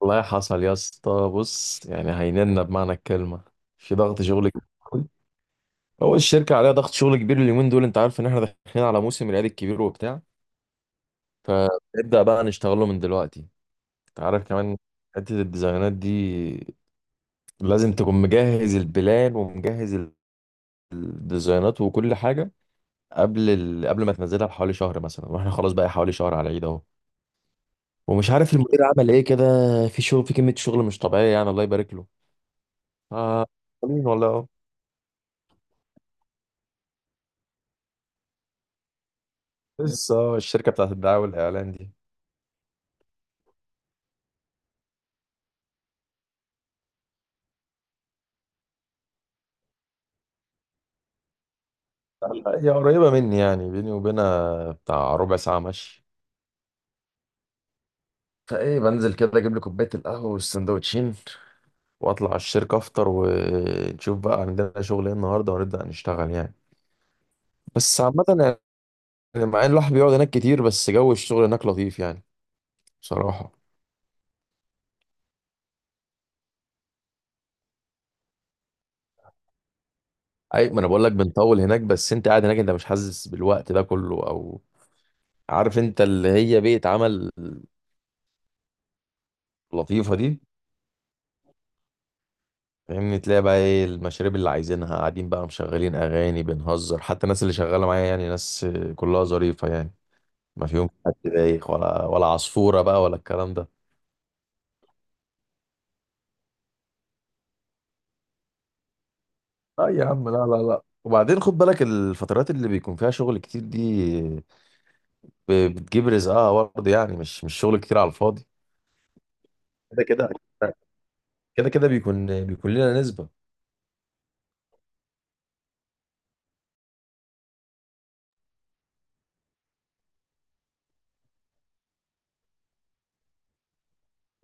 والله حصل يا اسطى، بص يعني هيننا بمعنى الكلمة، في ضغط شغل كبير أوي. هو الشركة عليها ضغط شغل كبير اليومين دول، انت عارف ان احنا داخلين على موسم العيد الكبير وبتاع، فنبدأ بقى نشتغله من دلوقتي. انت عارف كمان، حتة الديزاينات دي لازم تكون مجهز البلان ومجهز الديزاينات وكل حاجة قبل قبل ما تنزلها بحوالي شهر مثلا، واحنا خلاص بقى حوالي شهر على العيد اهو. ومش عارف المدير عمل ايه كده، في شغل، في كمية شغل مش طبيعية يعني، الله يبارك له. ف- مين والله اهو. لسه، الشركة بتاعت الدعاية والإعلان دي. هي قريبة مني يعني، بيني وبينها بتاع ربع ساعة مشي، فايه بنزل كده اجيب لي كوبايه القهوه والسندوتشين وأطلع على الشركة أفطر ونشوف بقى عندنا شغل إيه النهاردة ونبدأ نشتغل يعني. بس عامة، يعني مع إن الواحد بيقعد هناك كتير بس جو الشغل هناك لطيف يعني، بصراحة. أي ما أنا بقول لك بنطول هناك، بس أنت قاعد هناك أنت مش حاسس بالوقت ده كله، أو عارف أنت اللي هي بيئة عمل لطيفة دي. فاهمني؟ تلاقي بقى ايه المشاريب اللي عايزينها، قاعدين بقى مشغلين اغاني بنهزر، حتى الناس اللي شغاله معايا يعني ناس كلها ظريفه يعني، ما فيهم حد بايخ ولا عصفوره بقى ولا الكلام ده. اه يا عم، لا لا لا، وبعدين خد بالك الفترات اللي بيكون فيها شغل كتير دي بتجيب رزقها برضه يعني، مش شغل كتير على الفاضي. كده كده كده كده بيكون لنا نسبه.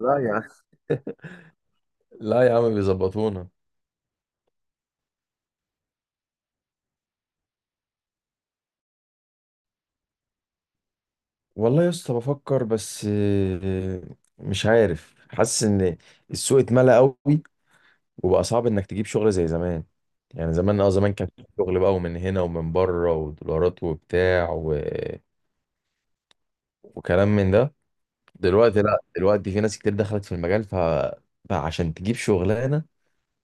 لا يا عم. لا يا عم بيظبطونا. والله يا اسطى بفكر، بس مش عارف، حاسس ان السوق اتملى قوي وبقى صعب انك تجيب شغل زي زمان. يعني زمان كان في شغل بقى، ومن هنا ومن بره ودولارات وبتاع وكلام من ده. دلوقتي لا، دلوقتي في ناس كتير دخلت في المجال، فبقى عشان تجيب شغلانه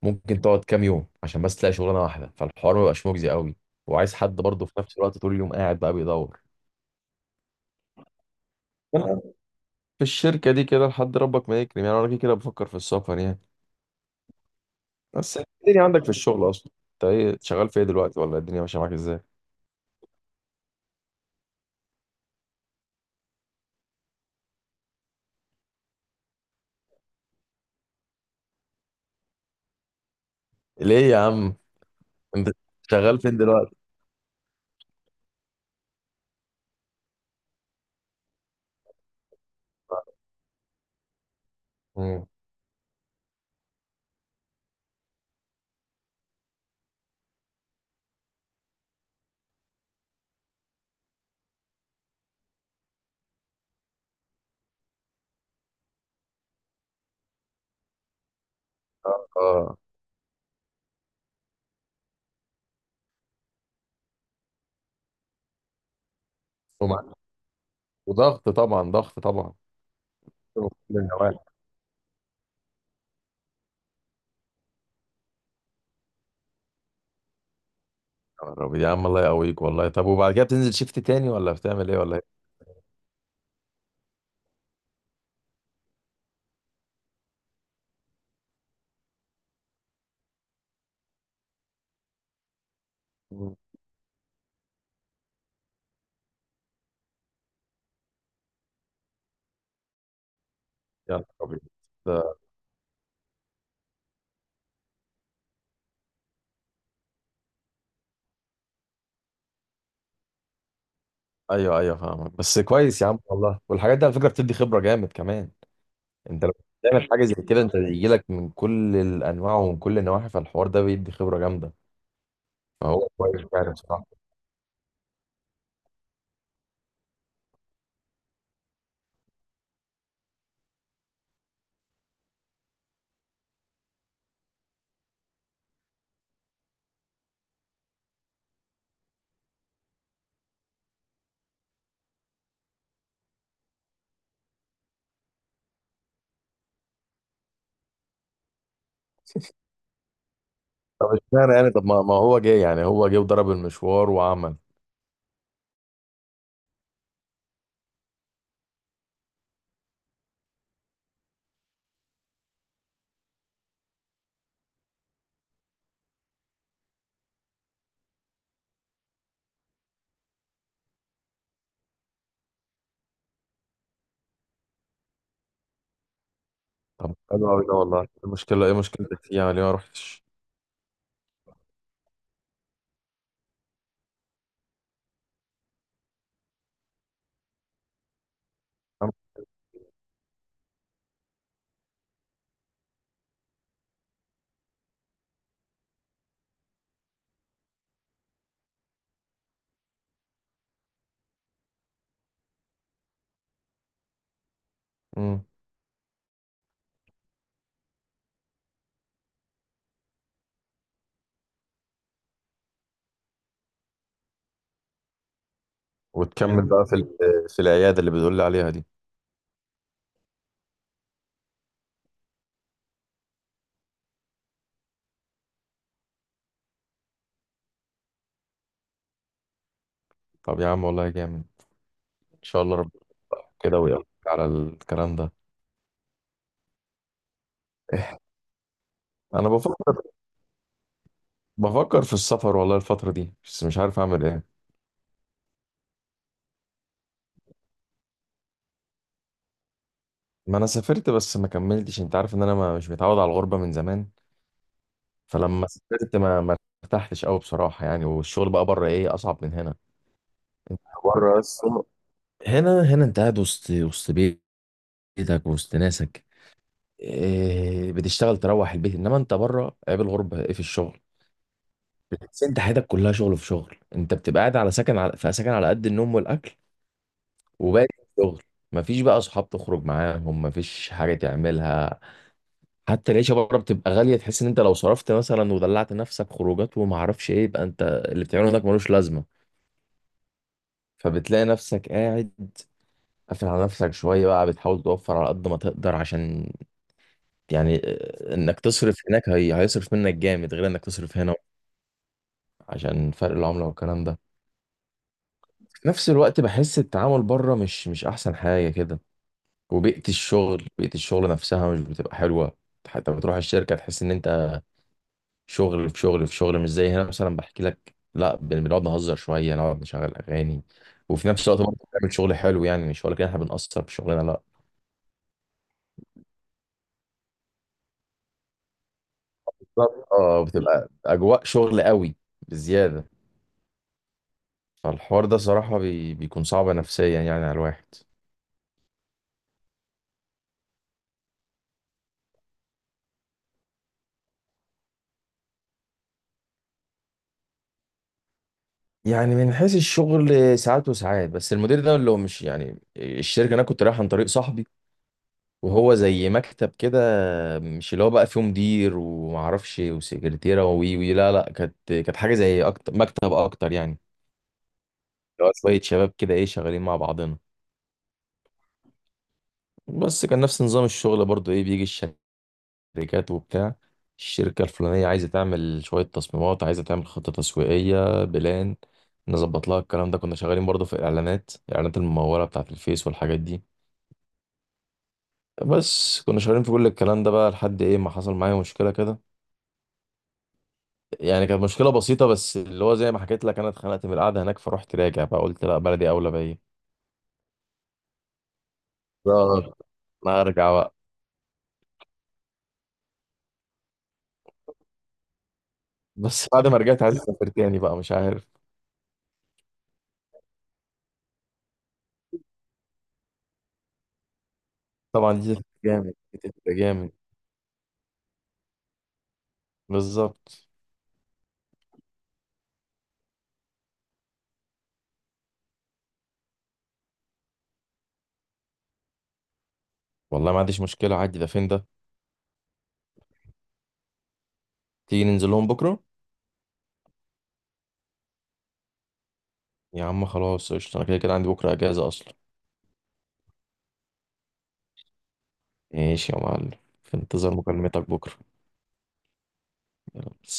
ممكن تقعد كام يوم عشان بس تلاقي شغلانه واحده، فالحوار ما بقاش مجزي قوي، وعايز حد برضه في نفس الوقت طول اليوم قاعد بقى بيدور. أنا في الشركه دي كده لحد ربك ما يكرم يعني، انا كده كده بفكر في السفر يعني. بس إنت الدنيا عندك في الشغل اصلا، انت ايه شغال في ايه دلوقتي، ولا الدنيا ماشيه معاك ازاي؟ ليه يا عم؟ انت شغال فين دلوقتي؟ مم. اه. ومع- وضغط طبعا، ضغط طبعا، من كل النواحي. يا رب يا عم، الله يقويك والله. طب وبعد كده بتنزل شيفت تاني، ولا بتعمل ايه ولا ايه؟ مم. يا نهار أبيض. ده- ايوه ايوه، فاهمك بس، كويس يا عم والله. والحاجات دي على فكره بتدي خبره جامد كمان. انت لو بتعمل حاجه زي كده، انت بيجي لك من كل الانواع ومن كل النواحي، فالحوار ده بيدي خبره جامده، فهو كويس يعني بصراحه. طب اشمعنى يعني؟ طب ما هو جه يعني، هو جه وضرب المشوار وعمل. طب حلو قوي ده والله، إيه المشكله، ايه مشكلتك فيه يعني، ليه ما رحتش؟ امم. وتكمل بقى في في العياده اللي بتقول لي عليها دي؟ طب يا عم والله جامد، ان شاء الله ربنا يوفقك كده ويقولك على الكلام ده. إيه، انا بفكر في السفر والله الفتره دي، بس مش عارف اعمل ايه. ما انا سافرت بس ما كملتش، انت عارف ان انا ما مش متعود على الغربه من زمان، فلما سافرت ما ارتحتش قوي بصراحه يعني، والشغل بقى بره ايه اصعب من هنا. بره بس، هنا انت قاعد وسط بيتك وسط ناسك. إيه، بتشتغل تروح البيت، انما انت بره عيب الغربه ايه في الشغل، بس انت حياتك كلها شغل في شغل. انت بتبقى قاعد على سكن على في سكن على قد النوم والاكل، وباقي شغل، مفيش بقى اصحاب تخرج معاهم، مفيش حاجه تعملها. حتى العيشه بره بتبقى غاليه، تحس ان انت لو صرفت مثلا ودلعت نفسك خروجات وما اعرفش ايه، يبقى انت اللي بتعمله هناك ملوش لازمه. فبتلاقي نفسك قاعد قافل على نفسك شويه بقى، بتحاول توفر على قد ما تقدر، عشان يعني انك تصرف هناك هيصرف منك جامد غير انك تصرف هنا، عشان فرق العملة والكلام ده. في نفس الوقت بحس التعامل بره مش احسن حاجة كده، وبيئة الشغل، بيئة الشغل نفسها مش بتبقى حلوة. حتى بتروح الشركة تحس ان انت شغل في شغل في شغل، مش زي هنا مثلا بحكي لك، لا، بنقعد نهزر شوية، نقعد نشغل اغاني، وفي نفس الوقت برضه بنعمل شغل حلو يعني، مش ولا كده احنا بنقصر في شغلنا؟ لا. بالظبط. اه، بتبقى اجواء شغل قوي بزيادة، فالحوار ده صراحة بيكون صعب نفسيا يعني على الواحد. يعني من حيث الشغل ساعات وساعات، بس المدير ده اللي هو مش يعني الشركة، أنا كنت رايح عن طريق صاحبي وهو زي مكتب كده، مش اللي هو بقى فيه مدير ومعرفش وسكرتيرة وي وي، لا لا، كانت حاجة زي أكتر مكتب أكتر يعني، اللي هو شوية شباب كده إيه، شغالين مع بعضنا. بس كان نفس نظام الشغل برضو، إيه، بيجي شركات وبتاع، الشركة الفلانية عايزة تعمل شوية تصميمات، عايزة تعمل خطة تسويقية بلان، نظبط لها الكلام ده. كنا شغالين برضه في الإعلانات الممولة بتاعة الفيس والحاجات دي، بس كنا شغالين في كل الكلام ده بقى لحد إيه ما حصل معايا مشكلة كده. يعني كانت مشكلة بسيطة، بس اللي هو زي ما حكيت لك، أنا اتخنقت من القعدة هناك، فروحت راجع بقى، قلت لا بلدي أولى بيا. بالظبط. أنا هرجع بقى. بس بعد ما رجعت عايز أسافر تاني بقى، مش عارف. طبعا دي تفرق جامد، دي تفرق جامد. بالظبط. والله ما عنديش مشكلة عادي، ده فين ده؟ تيجي ننزل لهم بكرة. يا عم خلاص قشطة، أنا كده كده عندي بكرة أجازة أصلا. ماشي يا معلم. في انتظار مكالمتك بكرة. يلا.